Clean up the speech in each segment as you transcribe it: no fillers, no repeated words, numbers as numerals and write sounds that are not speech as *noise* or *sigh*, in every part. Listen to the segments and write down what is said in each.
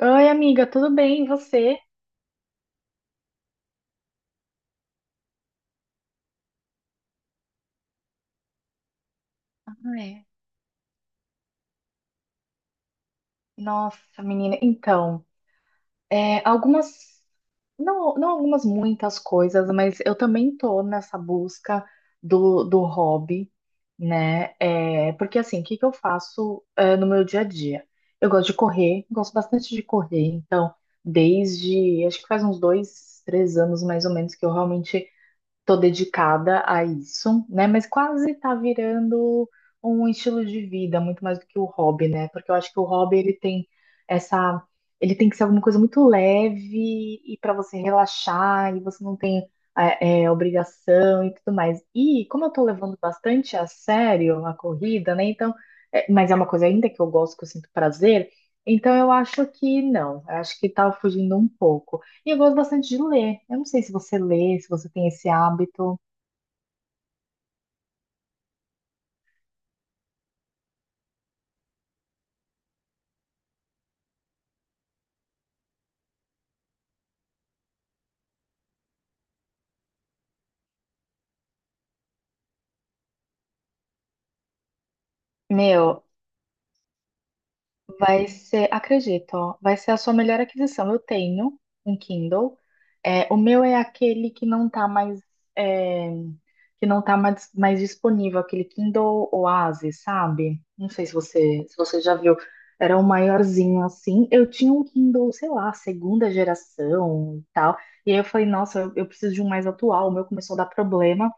Oi, amiga, tudo bem? E você? Ai, nossa, menina, então, algumas, não algumas, muitas coisas, mas eu também tô nessa busca do hobby, né? Porque assim, o que que eu faço, no meu dia a dia? Eu gosto de correr, gosto bastante de correr, então, desde, acho que faz uns 2, 3 anos mais ou menos que eu realmente tô dedicada a isso, né? Mas quase tá virando um estilo de vida, muito mais do que o hobby, né? Porque eu acho que o hobby ele tem essa, ele tem que ser alguma coisa muito leve e para você relaxar e você não tem obrigação e tudo mais. E como eu tô levando bastante a sério a corrida, né? Então, mas é uma coisa ainda que eu gosto, que eu sinto prazer. Então eu acho que não, eu acho que tá fugindo um pouco. E eu gosto bastante de ler. Eu não sei se você lê, se você tem esse hábito. Meu, vai ser, acredito, ó, vai ser a sua melhor aquisição. Eu tenho um Kindle. É, o meu é aquele que não tá mais, é, que não tá mais disponível, aquele Kindle Oasis, sabe? Não sei se você já viu. Era um maiorzinho assim. Eu tinha um Kindle, sei lá, segunda geração e tal. E aí eu falei, nossa, eu preciso de um mais atual. O meu começou a dar problema.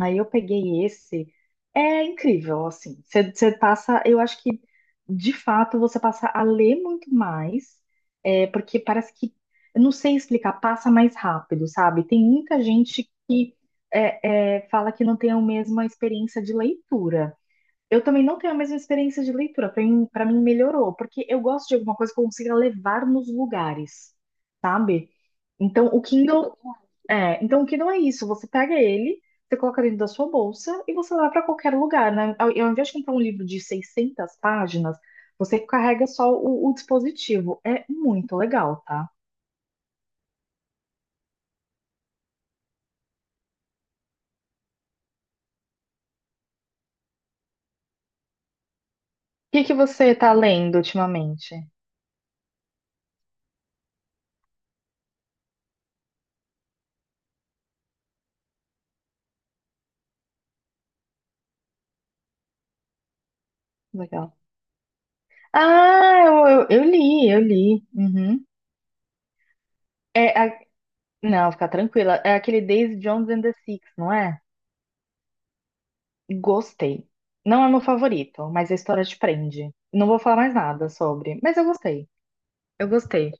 Aí eu peguei esse. É incrível, assim. Você passa, eu acho que de fato você passa a ler muito mais, porque parece que, eu não sei explicar, passa mais rápido, sabe? Tem muita gente que fala que não tem a mesma experiência de leitura. Eu também não tenho a mesma experiência de leitura. Para mim melhorou, porque eu gosto de alguma coisa que eu consiga levar nos lugares, sabe? Então, o Kindle então o que não é isso? Você pega ele, você coloca dentro da sua bolsa e você leva para qualquer lugar, né? Ao invés de comprar um livro de 600 páginas, você carrega só o dispositivo. É muito legal, tá? O que que você tá lendo ultimamente? Legal. Ah, eu li, eu li. Uhum. É, não, fica tranquila. É aquele Daisy Jones and the Six, não é? Gostei. Não é meu favorito, mas a história te prende. Não vou falar mais nada sobre, mas eu gostei. Eu gostei.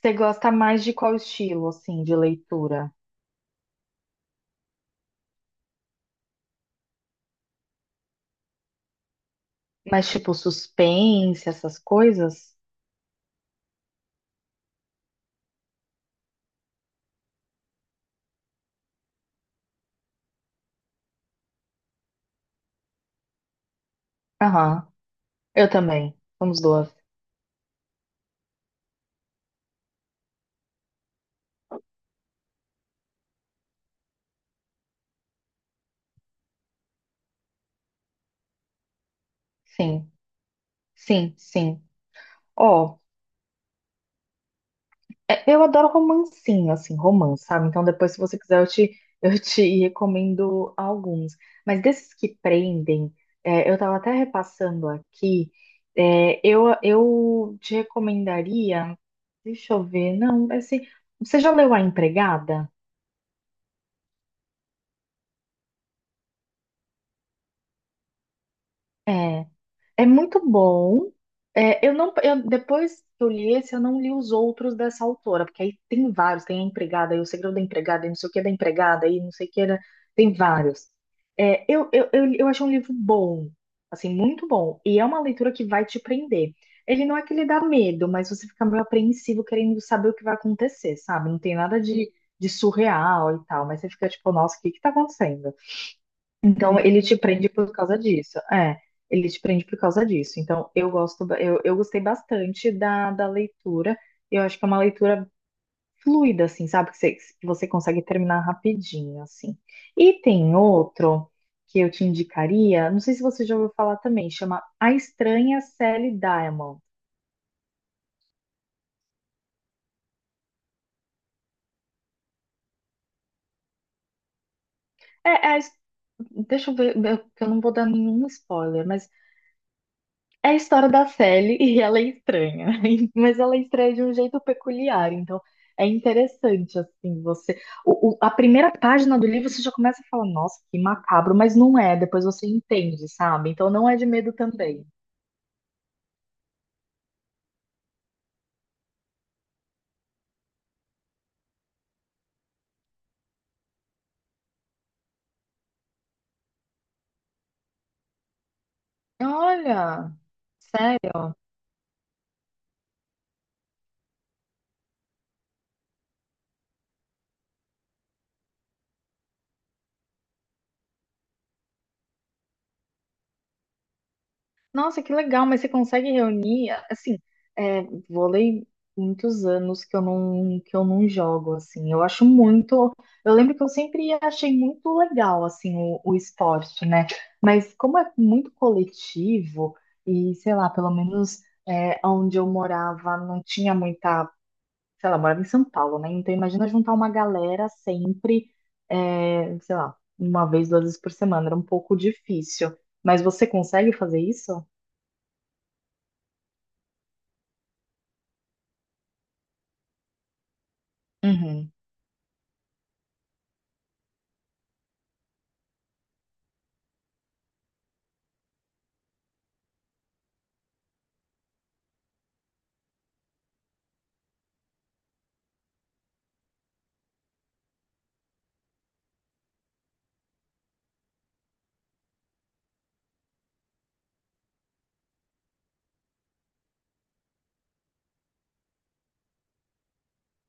Você gosta mais de qual estilo, assim, de leitura? Mais tipo suspense, essas coisas? Aham, eu também. Somos duas. Sim, sim, sim. Ó, eu adoro romancinho, assim, romance, sabe? Então depois, se você quiser, eu te *laughs* recomendo alguns. Mas desses que prendem, eu tava até repassando aqui, eu te recomendaria. Deixa eu ver, não, assim, você já leu A Empregada? É. É muito bom. Eu não, depois que eu li esse, eu não li os outros dessa autora, porque aí tem vários, tem a empregada, e o segredo da empregada, e não sei o que da empregada, e não sei o que era, tem vários. Eu achei um livro bom, assim, muito bom, e é uma leitura que vai te prender. Ele não é que ele dá medo, mas você fica meio apreensivo querendo saber o que vai acontecer, sabe? Não tem nada de surreal e tal, mas você fica tipo, nossa, o que que tá acontecendo? Então, ele te prende por causa disso. É, ele te prende por causa disso. Então, eu gosto, eu gostei bastante da leitura. Eu acho que é uma leitura fluida, assim, sabe? Que você consegue terminar rapidinho, assim. E tem outro que eu te indicaria, não sei se você já ouviu falar também, chama A Estranha Sally Diamond. É, é a his- deixa eu ver, que eu não vou dar nenhum spoiler, mas é a história da Sally e ela é estranha, *laughs* mas ela é estranha de um jeito peculiar, então é interessante, assim, a primeira página do livro você já começa a falar, nossa, que macabro, mas não é, depois você entende, sabe? Então não é de medo também. Olha, sério? Nossa, que legal, mas você consegue reunir, assim, é, vôlei muitos anos que eu não jogo, assim. Eu acho muito, eu lembro que eu sempre achei muito legal assim o esporte, né? Mas como é muito coletivo e sei lá, pelo menos onde eu morava não tinha muita, sei lá, eu morava em São Paulo, né? Então imagina juntar uma galera sempre, sei lá, uma vez, 2 vezes por semana, era um pouco difícil. Mas você consegue fazer isso? Uhum.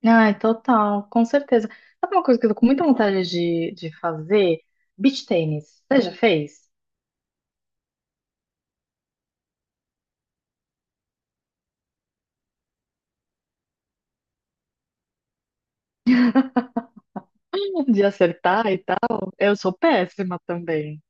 Ai, total, com certeza. Sabe uma coisa que eu tô com muita vontade de fazer? Beach tênis. Você já fez? *laughs* De acertar e tal. Eu sou péssima também.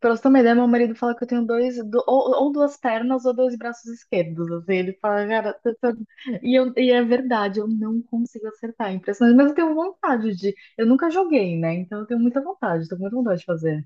Pra você ter uma ideia, meu marido fala que eu tenho dois, ou duas pernas ou dois braços esquerdos. Assim. Ele fala, cara, você tá-" e, e é verdade, eu não consigo acertar. É impressionante, mas eu tenho vontade de. Eu nunca joguei, né? Então eu tenho muita vontade, tô com muita vontade de fazer.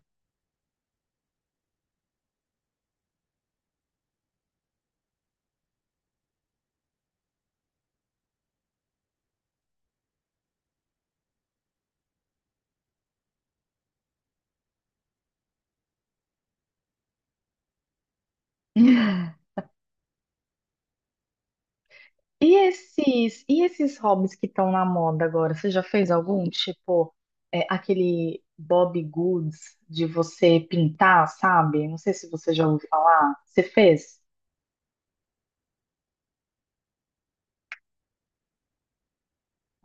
E esses hobbies que estão na moda agora, você já fez algum? Tipo, aquele Bob Goods de você pintar, sabe? Não sei se você já ouviu falar. Você fez?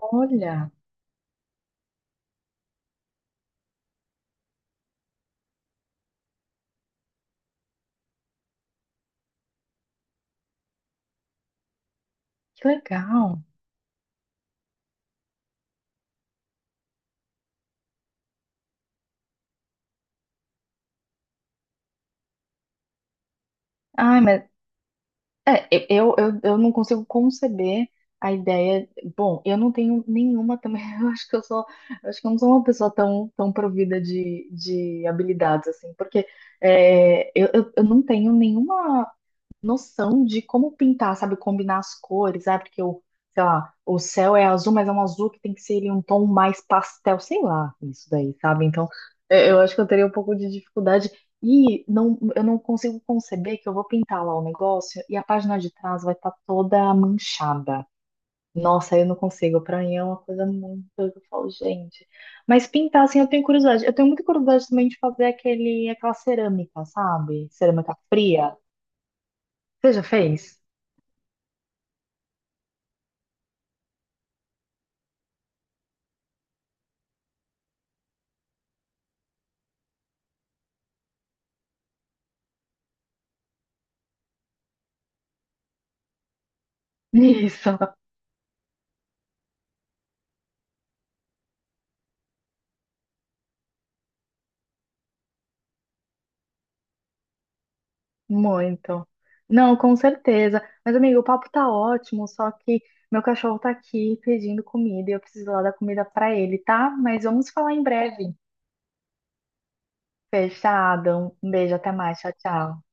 Olha, que legal. Ai, mas eu não consigo conceber a ideia. Bom, eu não tenho nenhuma também. *laughs* Eu acho que eu sou, eu acho que eu não sou uma pessoa tão, tão provida de habilidades, assim, porque eu não tenho nenhuma noção de como pintar, sabe? Combinar as cores, ah, porque sei lá, o céu é azul, mas é um azul que tem que ser ele, um tom mais pastel, sei lá, isso daí, sabe? Então, eu acho que eu teria um pouco de dificuldade. E não, eu não consigo conceber que eu vou pintar lá o negócio e a página de trás vai estar toda manchada. Nossa, eu não consigo. Pra mim é uma coisa muito. Eu falo, gente. Mas pintar, assim, eu tenho curiosidade. Eu tenho muita curiosidade também de fazer aquele, aquela cerâmica, sabe? Cerâmica fria. Você já fez? Isso, *laughs* muito. Não, com certeza. Mas, amigo, o papo tá ótimo, só que meu cachorro tá aqui pedindo comida e eu preciso lá dar comida pra ele, tá? Mas vamos falar em breve. Fechado. Um beijo, até mais. Tchau, tchau.